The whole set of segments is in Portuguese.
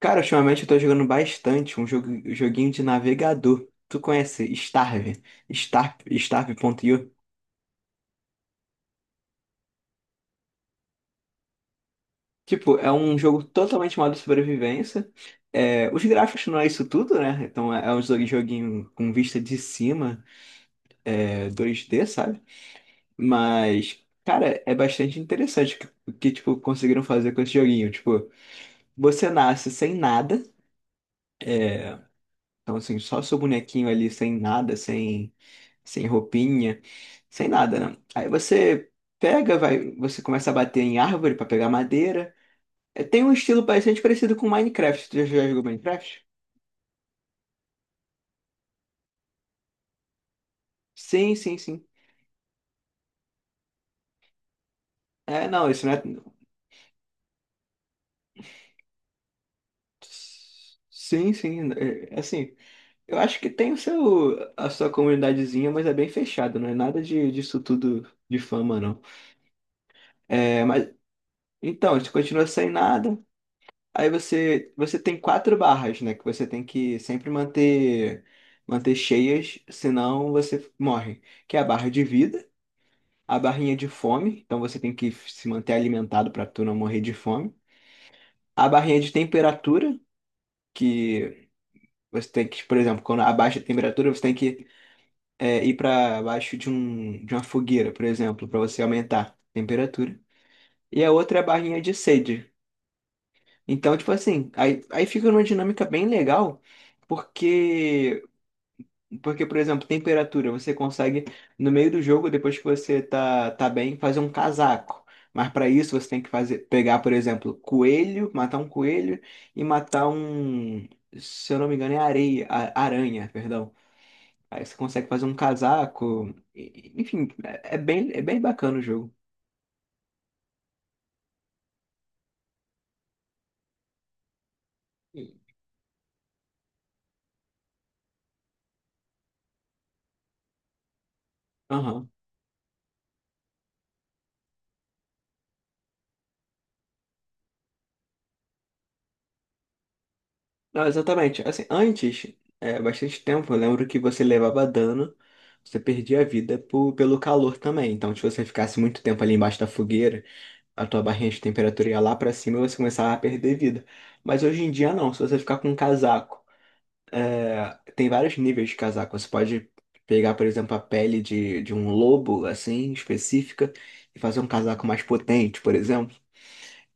Cara, ultimamente eu tô jogando bastante um jogo, joguinho de navegador. Tu conhece Starve? Starve, Starve.io? Tipo, é um jogo totalmente modo sobrevivência. É, os gráficos não é isso tudo, né? Então é um joguinho com vista de cima, é, 2D, sabe? Mas, cara, é bastante interessante tipo, conseguiram fazer com esse joguinho. Tipo, você nasce sem nada. Então, assim, só seu bonequinho ali sem nada, sem roupinha, sem nada, né? Aí você pega, vai, você começa a bater em árvore para pegar madeira. É, tem um estilo bastante parecido com Minecraft. Tu já jogou Minecraft? Sim, sim, sim. É, não, isso não é. Sim, sim. É, é assim, eu acho que tem o seu, a sua comunidadezinha, mas é bem fechado, não é nada de, disso tudo de fama, não. É, mas então, a gente continua sem nada. Aí você tem quatro barras, né? Que você tem que sempre manter, manter cheias, senão você morre. Que é a barra de vida, a barrinha de fome, então você tem que se manter alimentado para tu não morrer de fome. A barrinha de temperatura, que você tem que, por exemplo, quando abaixa a temperatura, você tem que ir para baixo de, um, de uma fogueira, por exemplo, para você aumentar a temperatura. E a outra é a barrinha de sede. Então, tipo assim, aí fica numa dinâmica bem legal, porque. Porque, por exemplo, temperatura, você consegue, no meio do jogo, depois que você tá bem, fazer um casaco. Mas para isso você tem que fazer, pegar, por exemplo, coelho, matar um coelho e matar um, se eu não me engano, é areia, aranha, perdão. Aí você consegue fazer um casaco. Enfim, é bem, é bem bacana o jogo. Aham. Não, exatamente. Assim, antes, é, bastante tempo, eu lembro que você levava dano, você perdia a vida pelo calor também. Então, se você ficasse muito tempo ali embaixo da fogueira, a tua barrinha de temperatura ia lá pra cima e você começava a perder vida. Mas hoje em dia não, se você ficar com um casaco, é, tem vários níveis de casaco. Você pode pegar, por exemplo, a pele de um lobo, assim, específica, e fazer um casaco mais potente, por exemplo.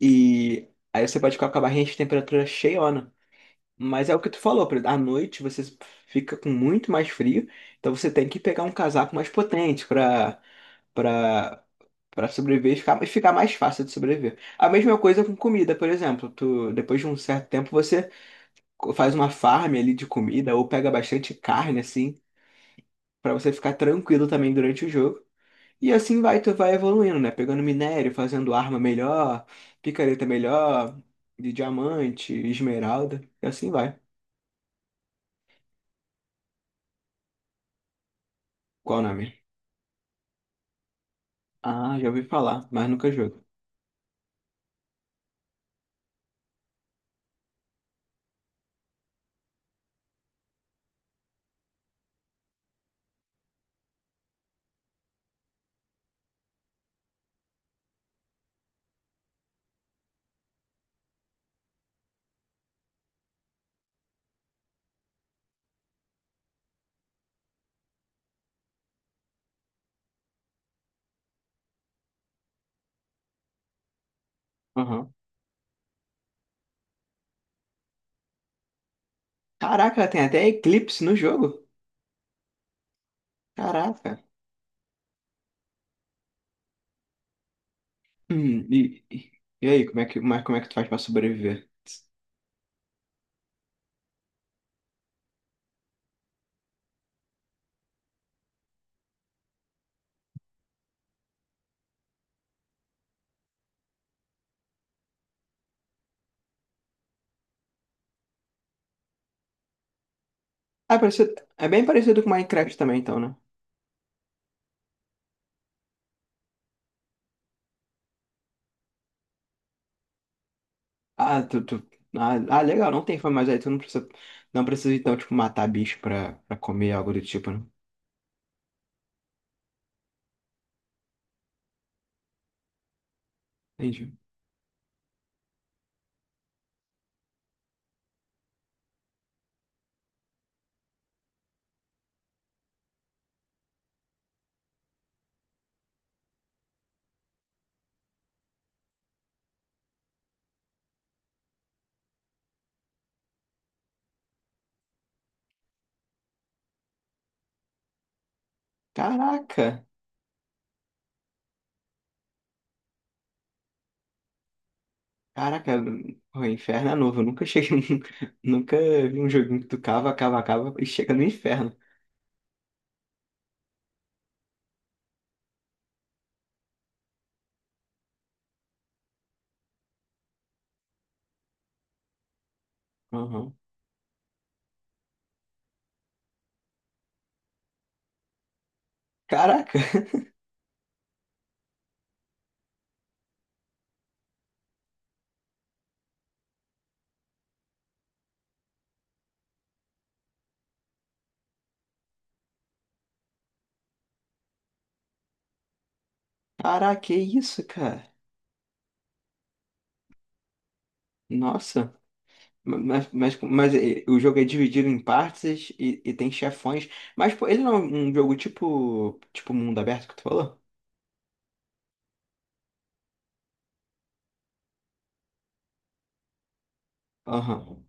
E aí você pode ficar com a barrinha de temperatura cheiona. Mas é o que tu falou, por exemplo, à noite você fica com muito mais frio, então você tem que pegar um casaco mais potente para para sobreviver e ficar mais fácil de sobreviver. A mesma coisa com comida, por exemplo, tu depois de um certo tempo você faz uma farm ali de comida ou pega bastante carne assim, para você ficar tranquilo também durante o jogo. E assim vai, tu vai evoluindo, né? Pegando minério, fazendo arma melhor, picareta melhor, de diamante, esmeralda, e assim vai. Qual o nome? Ah, já ouvi falar, mas nunca jogo. Aham. Caraca, tem até eclipse no jogo. Caraca. Hum, e, e e aí, como é que, mas como é que tu faz pra sobreviver? Ah, é, parecido, é bem parecido com Minecraft também, então, né? Ah, legal, não tem fome, mas aí tu não precisa, não precisa então, tipo, matar bicho pra comer algo do tipo, né? Entendi. Caraca, caraca, o inferno é novo, eu nunca cheguei, nunca vi um joguinho que tu cava e chega no inferno. Aham. Caraca. Caraca, que isso, cara? Nossa, o jogo é dividido em partes e tem chefões. Mas pô, ele não é um jogo tipo mundo aberto que tu falou? Aham.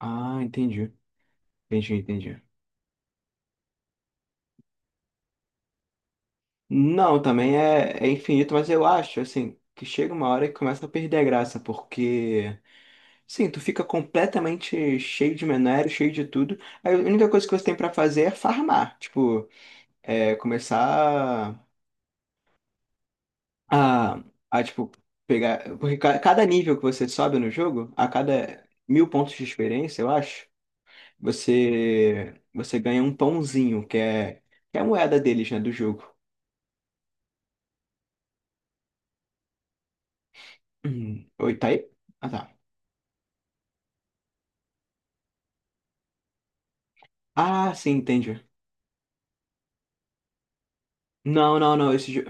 Ah, entendi. Entendi, entendi. Não, também é infinito, mas eu acho, assim, que chega uma hora que começa a perder a graça, porque, sim, tu fica completamente cheio de minério, cheio de tudo. Aí a única coisa que você tem pra fazer é farmar, tipo, é começar. A, a tipo, pegar. Porque cada nível que você sobe no jogo, a cada mil pontos de experiência, eu acho, você ganha um pãozinho, que é a moeda deles, né, do jogo. Hum. Oi, tá aí? Ah, tá. Ah, sim, entendi. Não, não, não.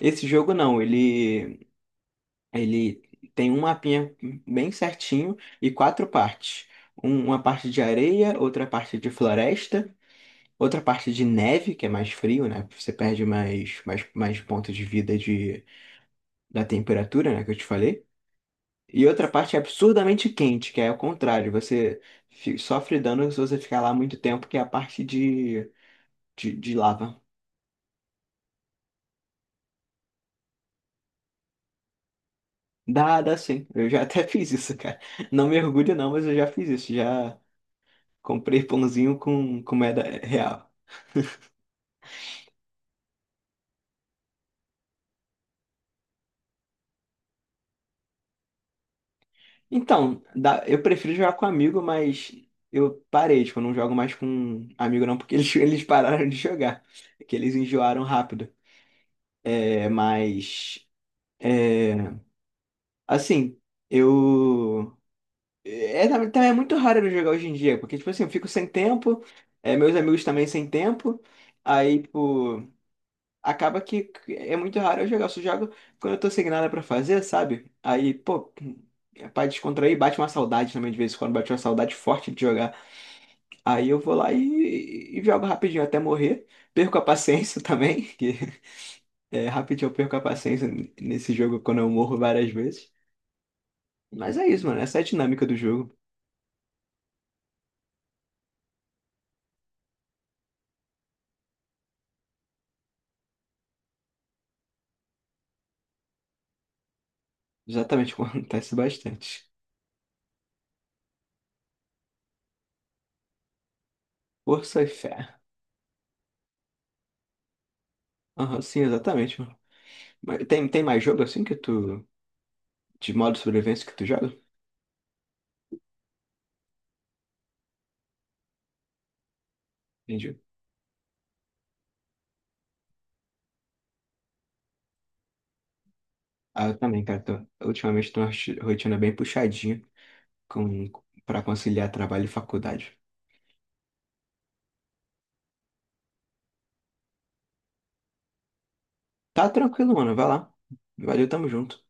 Esse jogo não. Ele tem um mapinha bem certinho e quatro partes. Uma parte de areia, outra parte de floresta. Outra parte de neve, que é mais frio, né? Você perde mais pontos de vida de, da temperatura, né? Que eu te falei. E outra parte é absurdamente quente, que é o contrário. Você sofre dano se você ficar lá muito tempo, que é a parte de lava. Dá, dá sim. Eu já até fiz isso, cara. Não mergulho não, mas eu já fiz isso. Já comprei pãozinho com moeda real. Então, eu prefiro jogar com amigo, mas eu parei, tipo, eu não jogo mais com amigo não, porque eles, eles pararam de jogar, que eles enjoaram rápido. É, mas, é, assim, eu... É, também é muito raro eu jogar hoje em dia, porque, tipo assim, eu fico sem tempo, é, meus amigos também sem tempo, aí, tipo, acaba que é muito raro eu jogar, eu só jogo quando eu tô sem nada pra fazer, sabe? Aí, pô... É pra descontrair, bate uma saudade também de vez em quando, bate uma saudade forte de jogar. Aí eu vou lá e jogo rapidinho até morrer. Perco a paciência também, que é, rapidinho eu perco a paciência nesse jogo quando eu morro várias vezes. Mas é isso, mano. Essa é a dinâmica do jogo. Exatamente, acontece bastante. Força e fé. Aham, sim, exatamente, mano. Mas tem mais jogo assim que tu. De modo sobrevivência que tu joga? Entendi. Ah, eu também, cara. Tô, ultimamente tô uma rotina bem puxadinha com, pra conciliar trabalho e faculdade. Tá tranquilo, mano. Vai lá. Valeu, tamo junto.